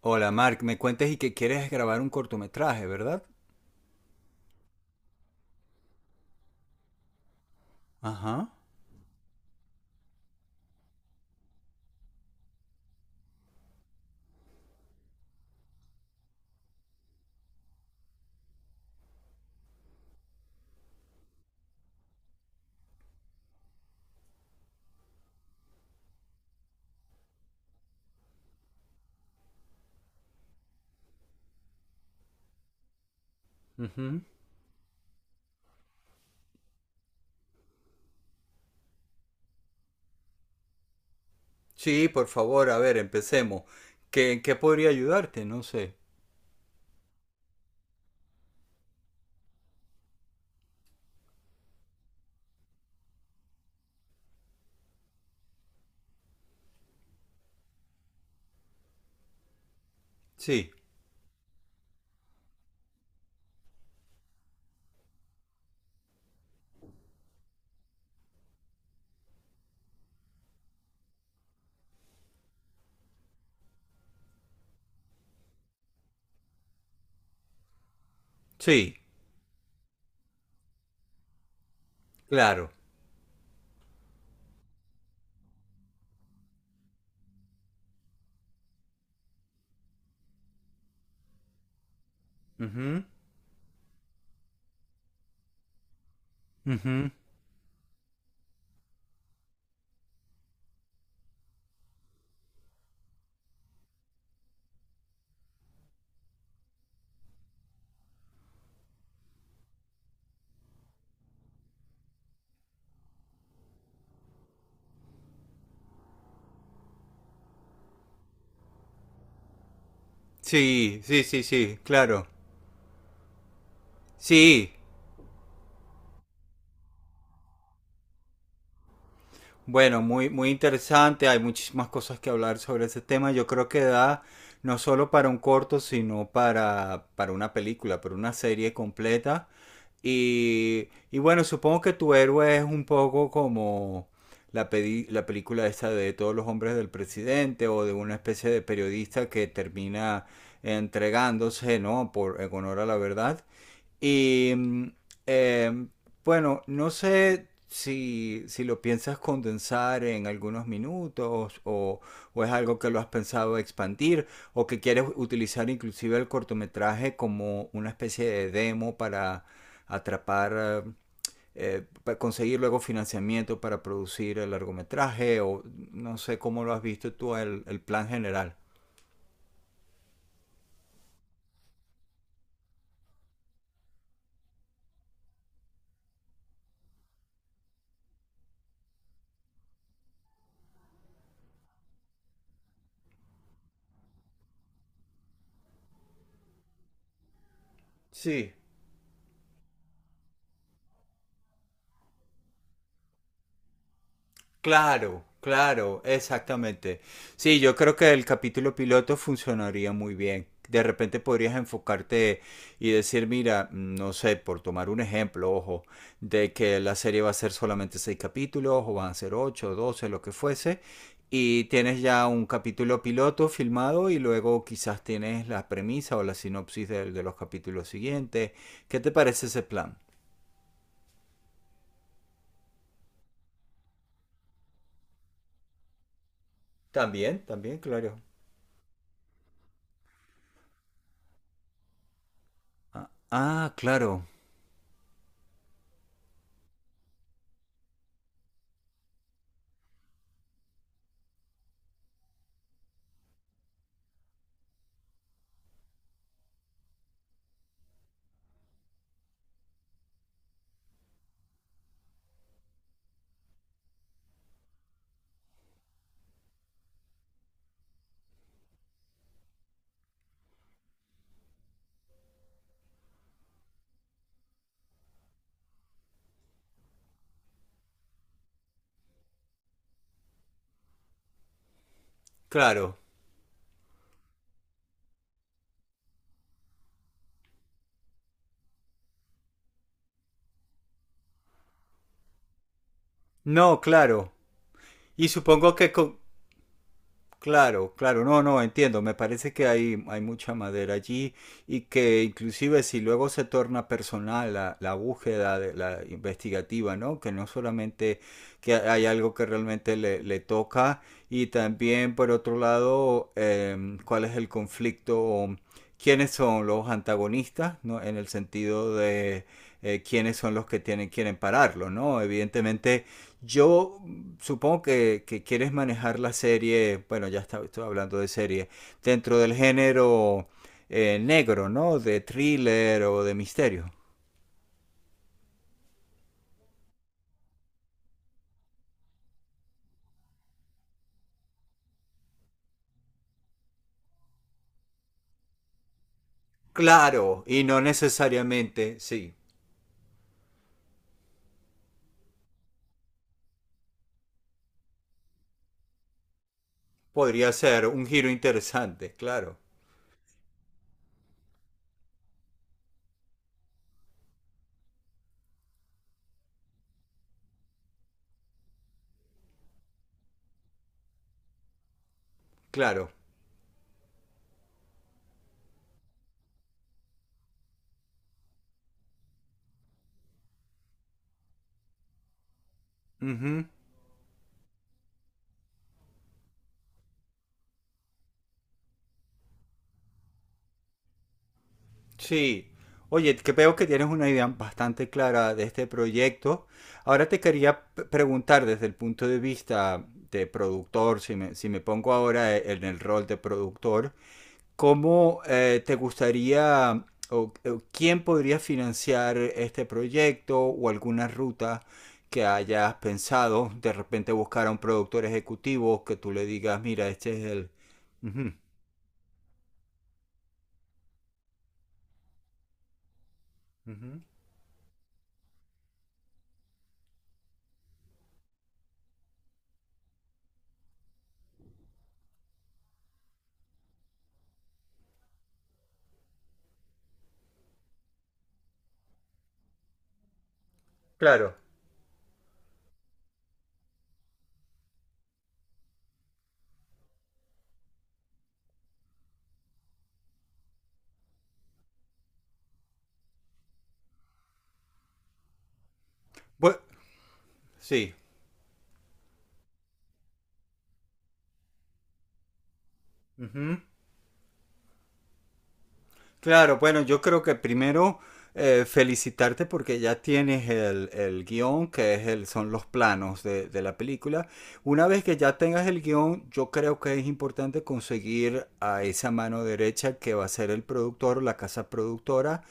Hola, Mark, me cuentas y que quieres grabar un cortometraje, ¿verdad? Ajá. Ujú. Sí, por favor, a ver, empecemos. ¿Qué, en qué podría ayudarte? No sé. Sí, sí, claro. Ujú, ujú. Sí, sí, sí, sí, claro. Sí. Bueno, muy, muy interesante, hay muchísimas cosas que hablar sobre ese tema. Yo creo que da no solo para un corto, sino para una película, para una serie completa. Y bueno, supongo que tu héroe es un poco como la película esa de todos los hombres del presidente o de una especie de periodista que termina entregándose, ¿no? Por, en honor a la verdad. Y em, bueno, no sé si, si lo piensas condensar en algunos minutos o es algo que lo has pensado expandir o que quieres utilizar inclusive el cortometraje como una especie de demo para atrapar, eh, para conseguir luego financiamiento para producir el largometraje o no sé cómo lo has visto tú el plan general. Sí. Claro, claro, exactamente. Sí, yo creo que el capítulo piloto funcionaría muy bien. De repente podrías enfocarte y decir, mira, no sé, por tomar un ejemplo, ojo, de que la serie va a ser solamente seis capítulos, o van a ser ocho, 12, lo que fuese, y tienes ya un capítulo piloto filmado y luego quizás tienes la premisa o la sinopsis de los capítulos siguientes. ¿Qué te parece ese plan? También, también, claro. Ah, claro, claro. No, claro. Y supongo que con. Claro, claro, no, no, entiendo. Me parece que hay mucha madera allí y que inclusive si luego se torna personal la, la búsqueda de, la investigativa, ¿no? Que no solamente que hay algo que realmente le, le toca y también por otro lado cuál es el conflicto, quiénes son los antagonistas, ¿no? En el sentido de quiénes son los que tienen, quieren pararlo, ¿no? Evidentemente yo supongo que quieres manejar la serie, bueno, ya está, estoy hablando de serie, dentro del género negro, ¿no? De thriller o de misterio. Claro, y no necesariamente, sí. Podría ser un giro interesante, claro, claro. Ujú. Sí. Oye, que veo que tienes una idea bastante clara de este proyecto. Ahora te quería preguntar desde el punto de vista de productor, si me, si me pongo ahora en el rol de productor, ¿cómo te gustaría o quién podría financiar este proyecto o alguna ruta que hayas pensado? De repente buscar a un productor ejecutivo que tú le digas, mira, este es el. Ujú, ujú. Claro. Bue- sí. Ujú. Claro, bueno, yo creo que primero felicitarte porque ya tienes el guión, que es el, son los planos de la película. Una vez que ya tengas el guión, yo creo que es importante conseguir a esa mano derecha que va a ser el productor o la casa productora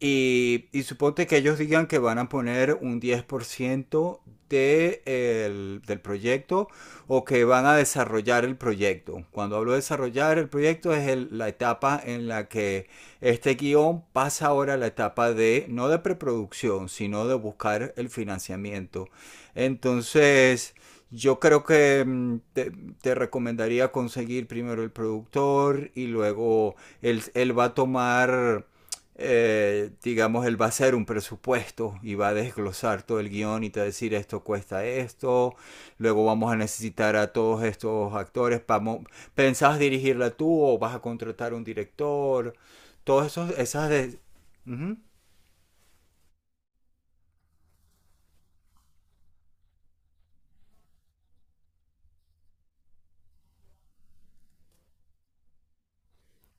y suponte que ellos digan que van a poner un 10% del proyecto o que van a desarrollar el proyecto. Cuando hablo de desarrollar el proyecto es la etapa en la que este guión pasa ahora a la etapa de, no de preproducción, sino de buscar el financiamiento. Entonces, yo creo que te recomendaría conseguir primero el productor y luego él, él va a tomar digamos, él va a hacer un presupuesto y va a desglosar todo el guión y te va a decir esto cuesta esto, luego vamos a necesitar a todos estos actores, vamos, ¿pensás dirigirla tú o vas a contratar un director? Todas esas. De. Uh -huh,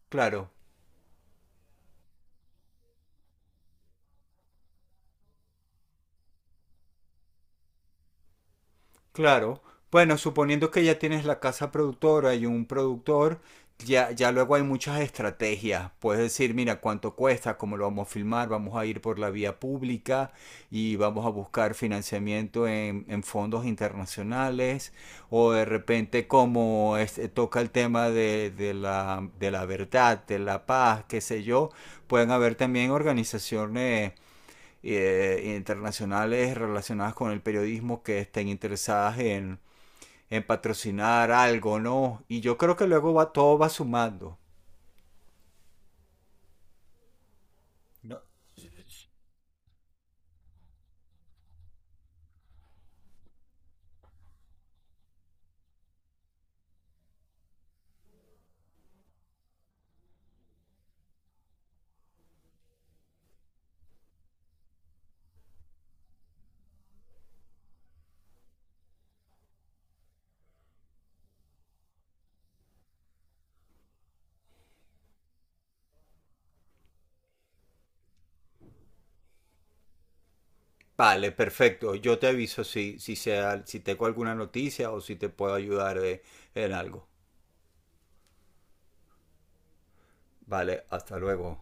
claro. Claro. Bueno, suponiendo que ya tienes la casa productora y un productor, ya, ya luego hay muchas estrategias. Puedes decir, mira, cuánto cuesta, cómo lo vamos a filmar, vamos a ir por la vía pública y vamos a buscar financiamiento en fondos internacionales. O de repente, como este, toca el tema de la verdad, de la paz, qué sé yo, pueden haber también organizaciones internacionales relacionadas con el periodismo que estén interesadas en patrocinar algo, ¿no? Y yo creo que luego va, todo va sumando. No. Vale, perfecto. Yo te aviso si, sea, si tengo alguna noticia o si te puedo ayudar en algo. Vale, hasta luego.